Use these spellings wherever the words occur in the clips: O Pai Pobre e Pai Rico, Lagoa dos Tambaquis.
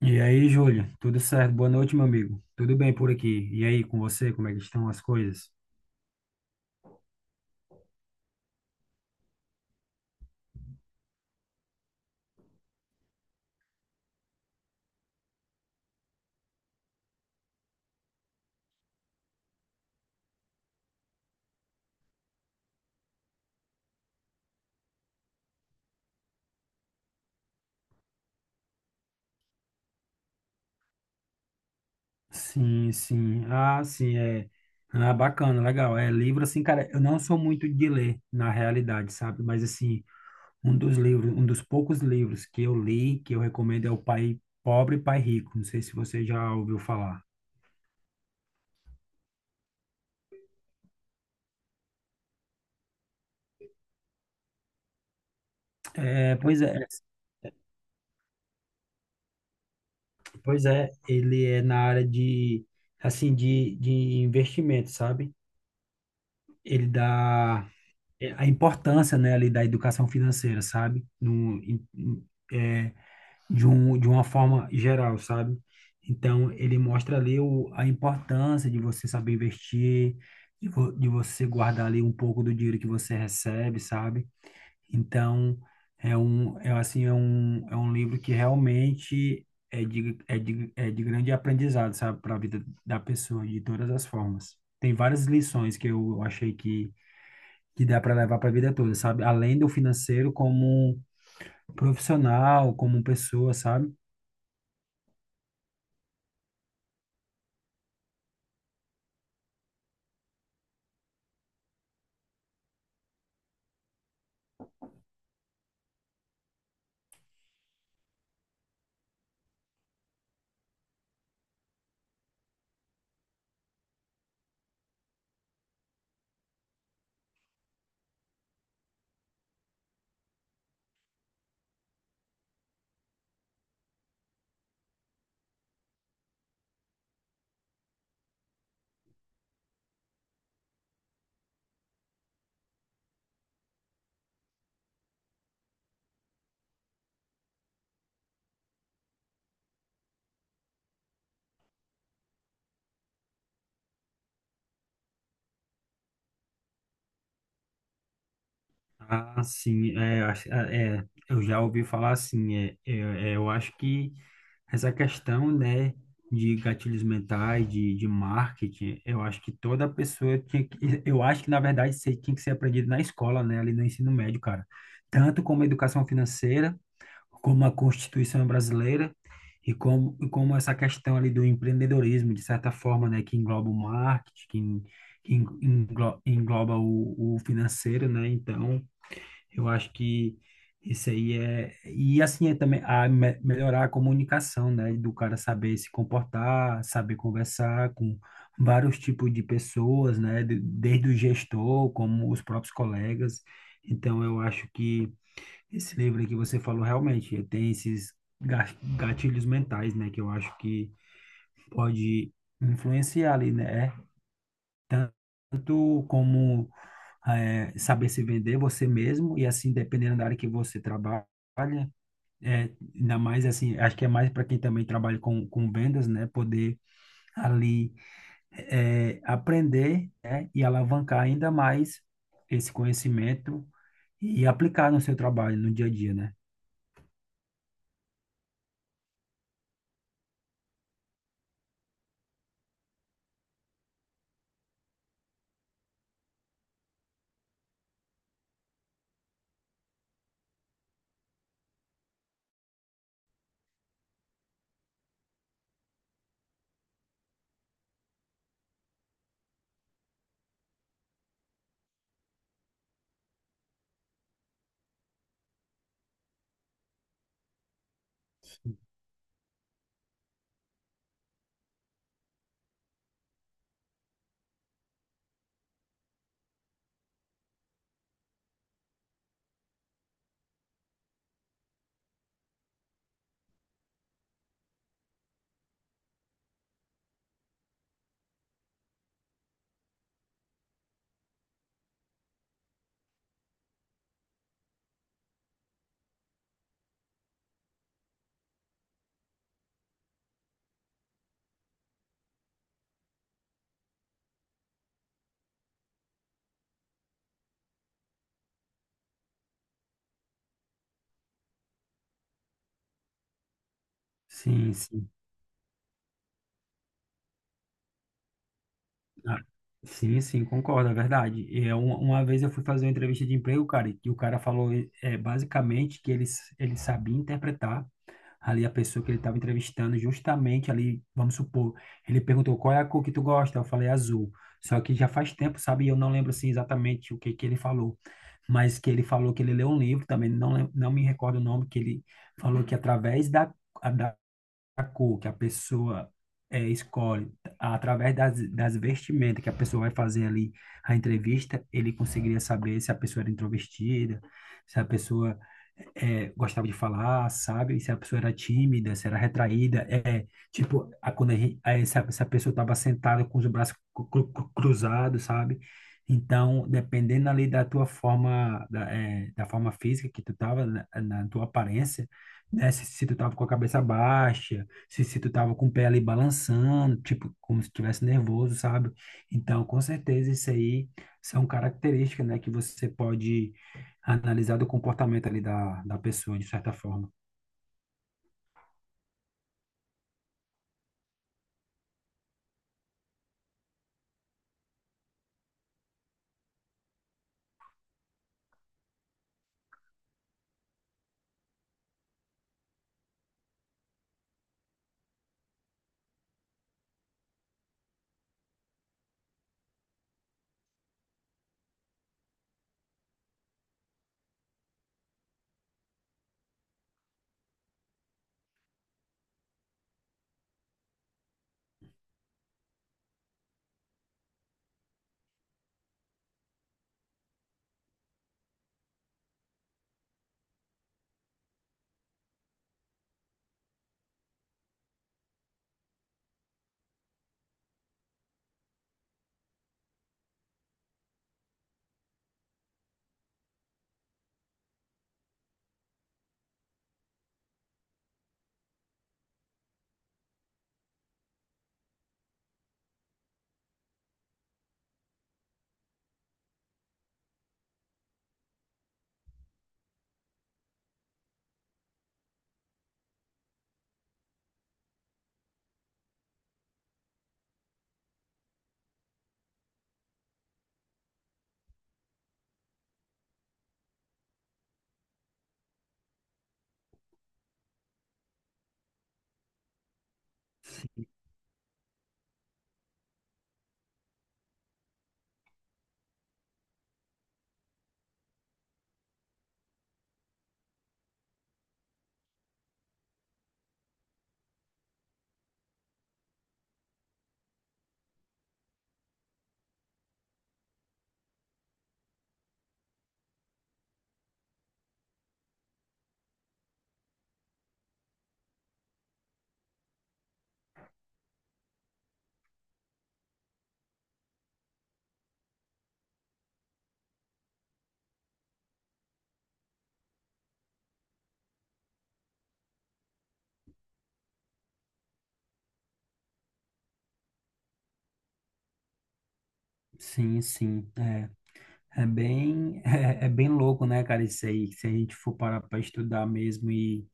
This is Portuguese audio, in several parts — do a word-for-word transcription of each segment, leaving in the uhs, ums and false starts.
E aí, Júlio, tudo certo? Boa noite, meu amigo. Tudo bem por aqui? E aí, com você, como é que estão as coisas? Sim, sim. Ah, sim, é. Ah, bacana, legal. É livro assim, cara, eu não sou muito de ler na realidade, sabe? Mas assim, um dos livros, um dos poucos livros que eu li, que eu recomendo é O Pai Pobre e Pai Rico. Não sei se você já ouviu falar. É, pois é, Pois é, ele é na área de assim de, de investimento, sabe? Ele dá é, a importância, né, ali da educação financeira, sabe? No, em- em- é, De um, de uma forma geral, sabe? Então, ele mostra ali o, a importância de você saber investir, de, vo, de você guardar ali um pouco do dinheiro que você recebe, sabe? Então, é um, é assim, é um, é um livro que realmente é de, é de, é de grande aprendizado, sabe? Para a vida da pessoa, de todas as formas. Tem várias lições que eu achei que que dá para levar para a vida toda, sabe? Além do financeiro, como profissional, como pessoa, sabe? Ah, sim, é, acho- é, é, eu já ouvi falar assim, é, é, é, eu acho que essa questão, né, de gatilhos mentais, de, de marketing, eu acho que toda pessoa tinha que, eu acho que, na verdade, isso aí tinha que ser aprendido na escola, né, ali no ensino médio, cara. Tanto como educação financeira, como a Constituição brasileira e como, e como essa questão ali do empreendedorismo, de certa forma, né, que engloba o marketing, que, en- que en- englo- engloba o, o financeiro, né? Então, eu acho que isso aí é... E assim, é também a me- melhorar a comunicação, né? Do cara saber se comportar, saber conversar com vários tipos de pessoas, né? de- Desde o gestor, como os próprios colegas. Então, eu acho que esse livro aí que você falou realmente tem esses ga- gatilhos mentais, né, que eu acho que pode influenciar ali, né? É. Tanto como é, saber se vender você mesmo e assim dependendo da área que você trabalha, é, ainda mais assim, acho que é mais para quem também trabalha com, com vendas, né, poder ali é, aprender, né, e alavancar ainda mais esse conhecimento e aplicar no seu trabalho, no dia a dia, né? Sim, sim. Ah, Sim, sim, concordo, é verdade. E eu- uma vez eu fui fazer uma entrevista de emprego, cara, e o cara falou é, basicamente que ele, s- ele sabia interpretar ali a pessoa que ele estava entrevistando, justamente ali, vamos supor, ele perguntou qual é a cor que tu gosta, eu falei azul. Só que já faz tempo, sabe? E eu não lembro assim exatamente o que que ele falou, mas que ele falou que ele leu um livro também, não, lem- não me recordo o nome, que ele falou que através da cor que a pessoa é, escolhe, através das, das vestimentas que a pessoa vai fazer ali a entrevista, ele conseguiria saber se a pessoa era introvertida, se a pessoa é, gostava de falar, sabe? Se a pessoa era tímida, se era retraída. É, tipo, a, quando a gente, aí se, a, se a pessoa estava sentada com os braços cru- cru- cru- cruzados, sabe? Então, dependendo ali da tua forma, da, é, da forma física que tu tava, na, na tua aparência, né? Se, se tu tava com a cabeça baixa, se, se tu tava com o pé ali balançando, tipo, como se estivesse nervoso, sabe? Então, com certeza, isso aí são características, né, que você pode analisar do comportamento ali da, da pessoa, de certa forma. Sim, sim, é. É bem, é, é bem louco, né, cara, isso aí, se a gente for parar para estudar mesmo e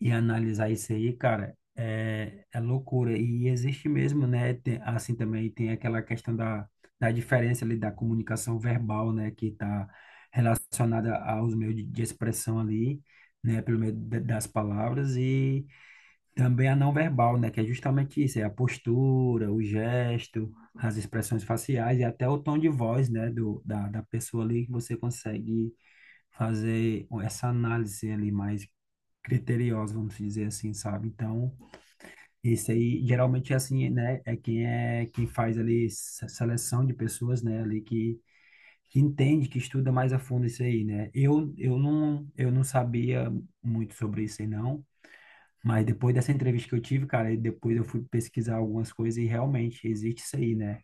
e analisar isso aí, cara, é, é loucura. E existe mesmo, né? Tem- assim também tem aquela questão da, da diferença ali da comunicação verbal, né? Que está relacionada aos meios de, de expressão ali, né? Pelo meio da- das palavras e também a não verbal, né? Que é justamente isso, é a postura, o gesto, as expressões faciais e até o tom de voz, né? Do, da, da pessoa ali que você consegue fazer essa análise ali mais criteriosos, vamos dizer assim, sabe? Então, esse aí geralmente é assim, né? É quem é quem faz ali se- seleção de pessoas, né? Ali que, que entende, que estuda mais a fundo isso aí, né? Eu, eu não eu não sabia muito sobre isso aí não, mas depois dessa entrevista que eu tive, cara, e depois eu fui pesquisar algumas coisas e realmente existe isso aí, né?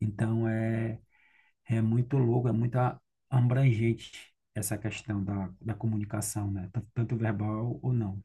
Então é É muito louco, é muito a- abrangente essa questão da, da comunicação, né? Tanto tanto verbal ou não.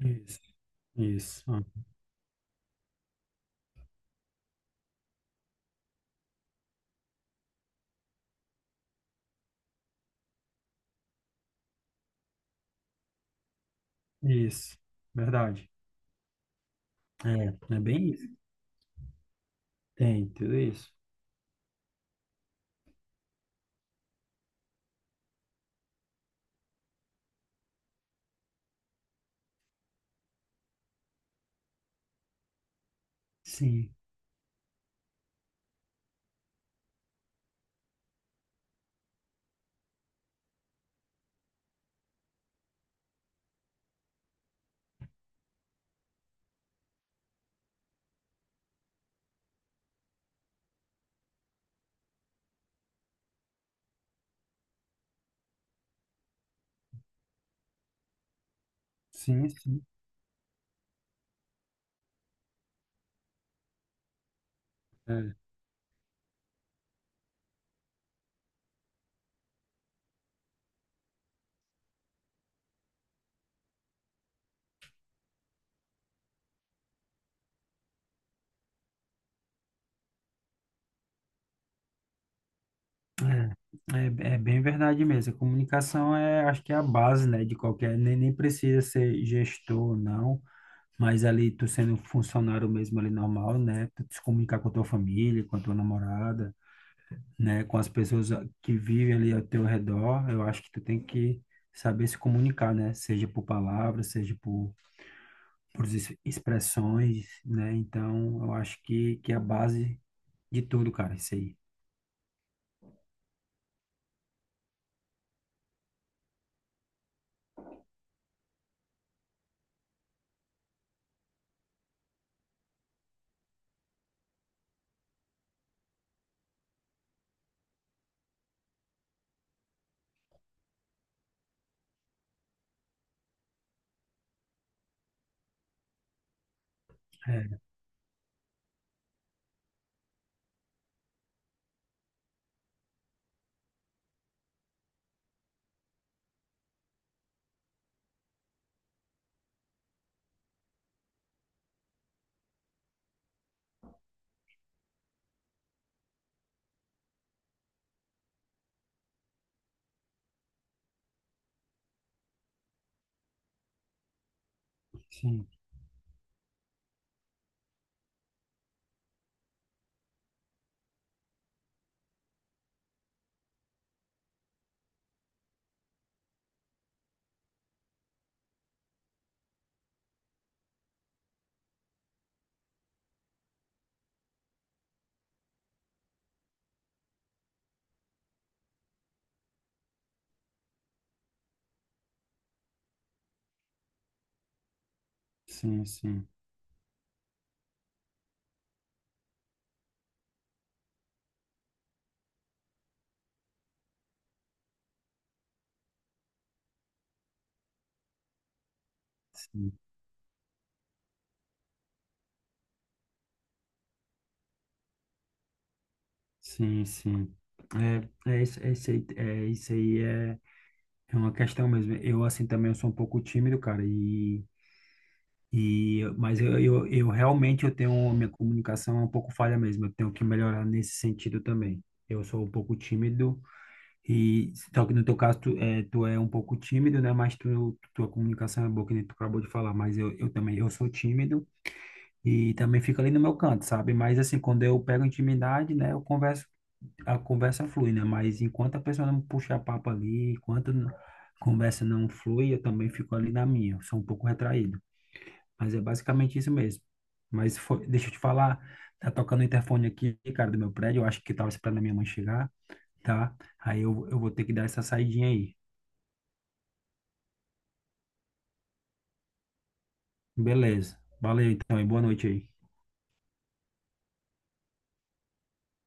Isso, isso. Isso, verdade. É, é bem isso. Tem tudo isso. Sim, sim, sim. É, é, é é bem verdade mesmo. A comunicação é, acho que é a base, né, de qualquer, nem, nem precisa ser gestor ou não, mas ali tu sendo funcionário mesmo ali normal, né, tu te comunicar com a tua família, com a tua namorada, né, com as pessoas que vivem ali ao teu redor, eu acho que tu tem que saber se comunicar, né, seja por palavras, seja por por ex- expressões, né? Então, eu acho que, que é a base de tudo, cara, isso aí. É, sim, sim, sim, sim, sim, sim. É, é, isso, é isso aí, é, isso aí é, é uma questão mesmo. Eu, assim, também eu sou um pouco tímido, cara, e, e mas eu, eu, eu realmente eu tenho, minha comunicação é um pouco falha mesmo, eu tenho que melhorar nesse sentido também. Eu sou um pouco tímido, e só que no teu caso, tu é, tu é um pouco tímido, né? Mas tu, tua comunicação é boa, que nem tu acabou de falar. Mas eu, eu também, eu sou tímido e também fico ali no meu canto, sabe? Mas assim, quando eu pego intimidade, né? Eu converso, a conversa flui, né? Mas enquanto a pessoa não puxa papo ali, enquanto n- a conversa não flui, eu também fico ali na minha. Eu Sou um pouco retraído. Mas é basicamente isso mesmo. Mas foi, deixa eu te falar, tá tocando o interfone aqui, cara, do meu prédio. Eu acho que tava esperando a minha mãe chegar, tá? Aí eu, eu vou ter que dar essa saidinha aí. Beleza. Valeu então e boa noite aí.